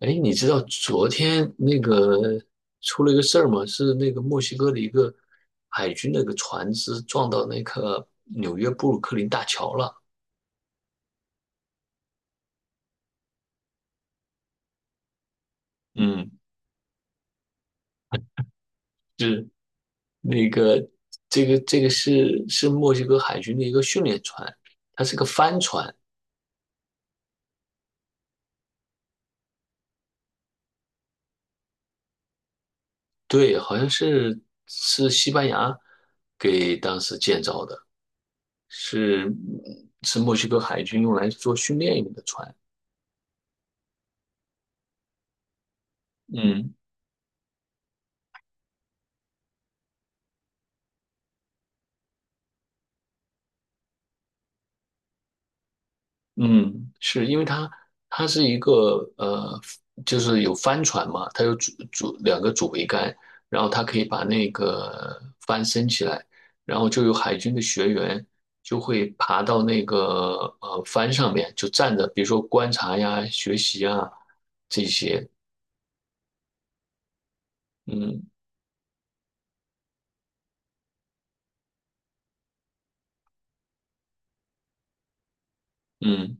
哎，你知道昨天那个出了一个事儿吗？是那个墨西哥的一个海军那个船只撞到那个纽约布鲁克林大桥了。嗯，是那个这个是墨西哥海军的一个训练船，它是个帆船，对，好像是是西班牙给当时建造的，是墨西哥海军用来做训练用的船。嗯。嗯，是因为它是一个呃，就是有帆船嘛，它有两个主桅杆，然后它可以把那个帆升起来，然后就有海军的学员就会爬到那个帆上面，就站着，比如说观察呀、学习啊这些，嗯嗯，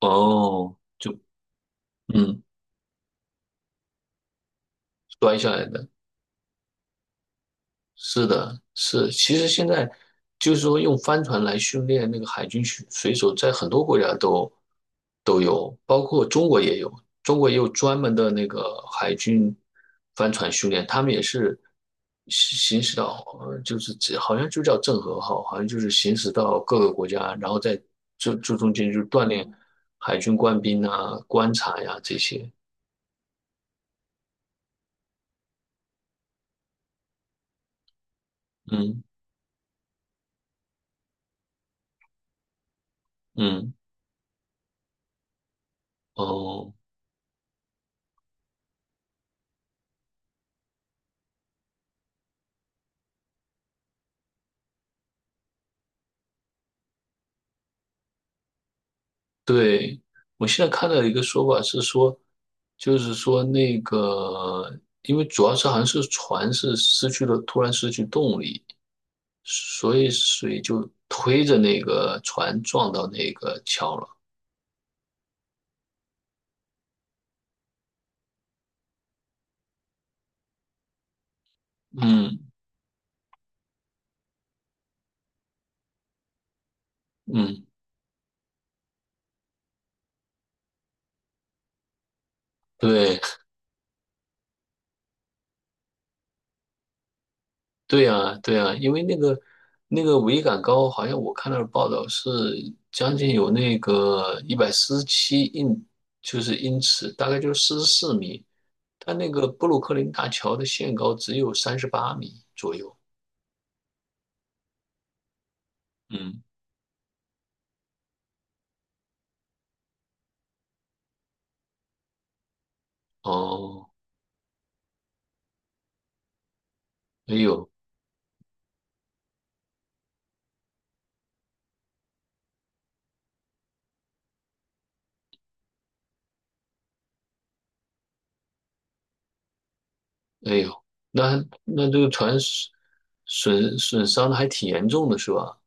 哦，就嗯摔下来的，是的，是，其实现在就是说用帆船来训练那个海军水手，在很多国家都有，包括中国也有，中国也有专门的那个海军帆船训练，他们也是行驶到，就是这好像就叫郑和号，好像就是行驶到各个国家，然后在这中间就锻炼海军官兵啊、观察呀、这些，嗯嗯，哦、对，我现在看到一个说法是说，就是说那个，因为主要是好像是船是失去了，突然失去动力，所以水就推着那个船撞到那个桥了。嗯嗯，对。对呀，对呀，因为那个桅杆高，好像我看到的报道是将近有那个147就是英尺，大概就是44米。它那个布鲁克林大桥的限高只有38米左右。嗯，哦，哎呦，哎呦，那这个船损伤的还挺严重的，是吧？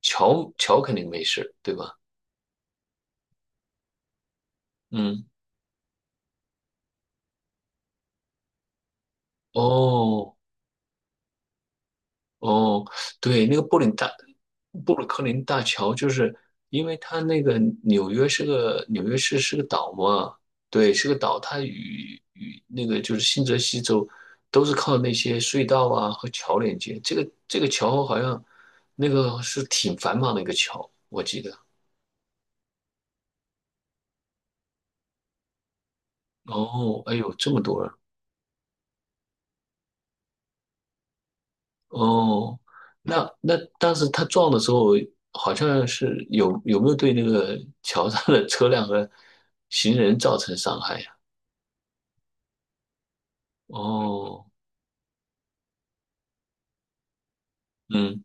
桥肯定没事，对吧？嗯，哦，哦，对，那个布鲁克林大桥，就是因为它那个纽约市是个岛嘛，对，是个岛，它与那个就是新泽西州都是靠那些隧道啊和桥连接。这个桥好像那个是挺繁忙的一个桥，我记得。哦，哎呦，这么多哦，那当时他撞的时候，好像是有没有对那个 桥上的车辆和行人造成伤害呀？哦，嗯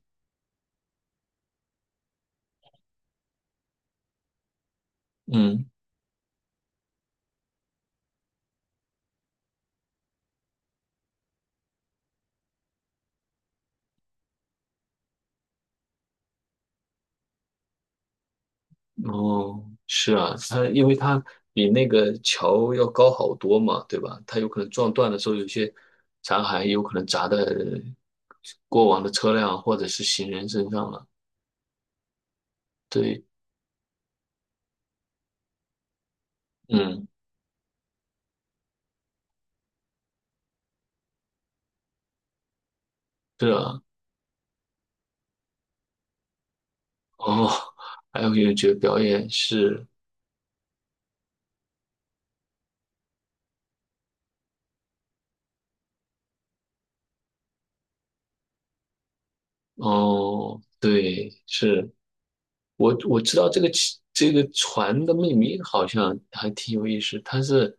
嗯，哦，是啊，他因为他比那个桥要高好多嘛，对吧？他有可能撞断的时候，有些残骸有可能砸在过往的车辆或者是行人身上了。对，嗯，是啊，哦，还有音乐节表演是。哦，对，是我知道这个这个船的命名好像还挺有意思，它是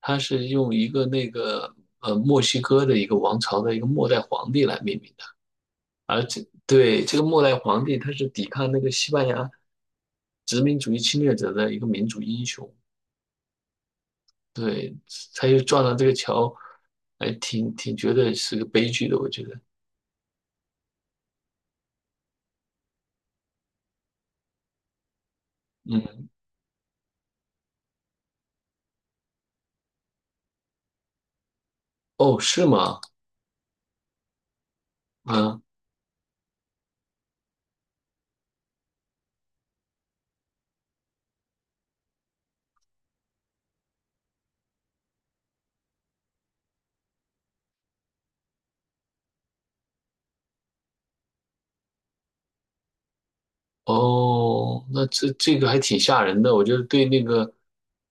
用一个那个墨西哥的一个王朝的一个末代皇帝来命名的，而且对这个末代皇帝他是抵抗那个西班牙殖民主义侵略者的一个民族英雄，对，他就撞上这个桥，还挺觉得是个悲剧的，我觉得，嗯，哦，是吗？嗯。哦，那这个还挺吓人的，我觉得对那个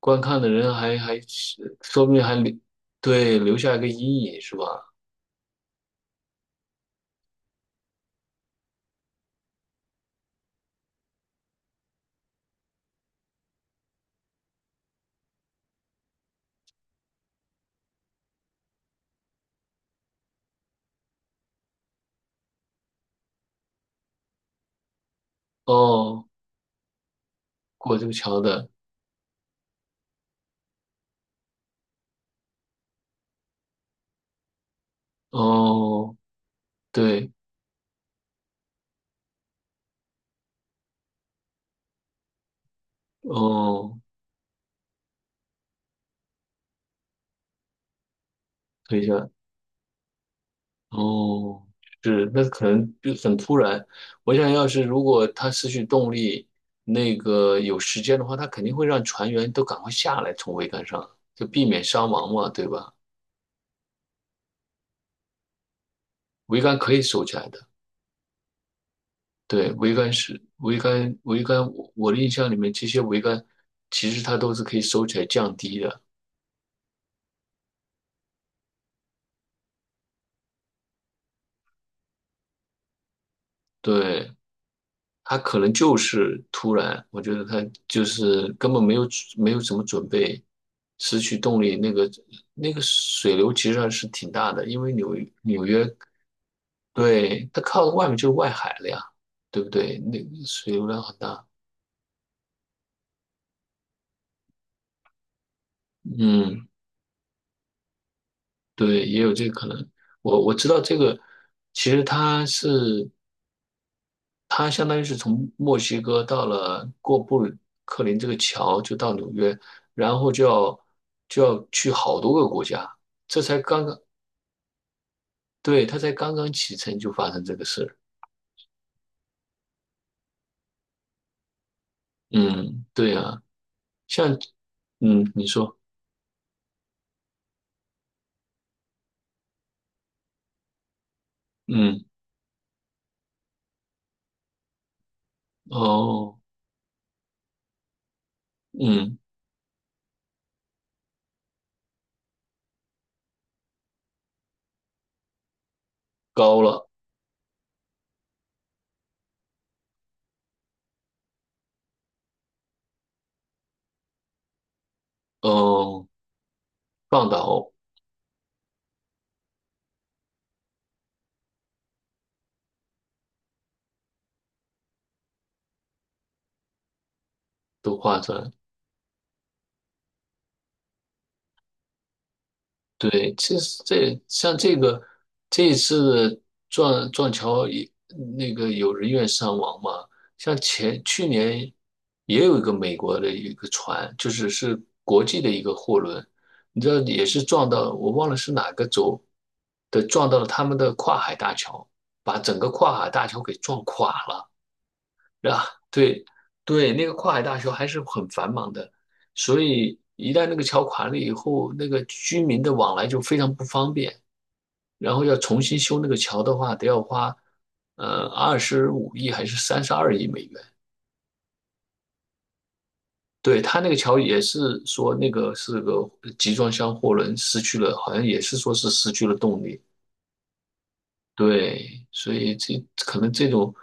观看的人还是说不定还留对留下一个阴影是吧？哦，过这个桥的，哦，对，哦，等一下，哦，是，那可能就很突然。我想要是如果他失去动力，那个有时间的话，他肯定会让船员都赶快下来，从桅杆上，就避免伤亡嘛，对吧？桅杆可以收起来的。对，桅杆是桅杆，桅杆，我的印象里面，这些桅杆其实它都是可以收起来降低的。对，它可能就是突然，我觉得它就是根本没有什么准备，失去动力，那个水流其实还是挺大的，因为纽约，对，它靠外面就是外海了呀，对不对？那个水流量很大，嗯，对，也有这个可能。我知道这个，其实它是。他相当于是从墨西哥到了过布鲁克林这个桥，就到纽约，然后就要去好多个国家，这才刚刚，对，他才刚刚启程就发生这个事儿。嗯，对啊，像嗯，你说，嗯，哦，嗯，高了，哦，放倒都画出来，对，其实这像这个这一次撞桥也那个有人员伤亡嘛，像去年也有一个美国的一个船，就是国际的一个货轮，你知道也是撞到我忘了是哪个州的，撞到了他们的跨海大桥，把整个跨海大桥给撞垮了。啊，对对，那个跨海大桥还是很繁忙的，所以一旦那个桥垮了以后，那个居民的往来就非常不方便。然后要重新修那个桥的话，得要花25亿还是32亿美元。对，他那个桥也是说那个是个集装箱货轮失去了，好像也是说是失去了动力。对，所以这可能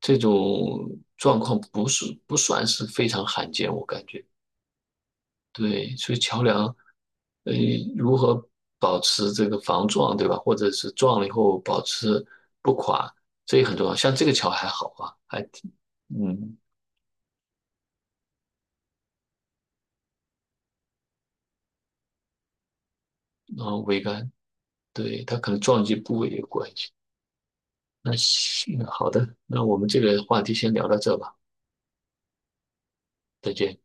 这种状况不算是非常罕见，我感觉。对，所以桥梁，呃，如何保持这个防撞，对吧？或者是撞了以后保持不垮，这也很重要。像这个桥还好啊，还挺，嗯，然后桅杆，对，它可能撞击部位有关系。那行，好的，那我们这个话题先聊到这吧，再见。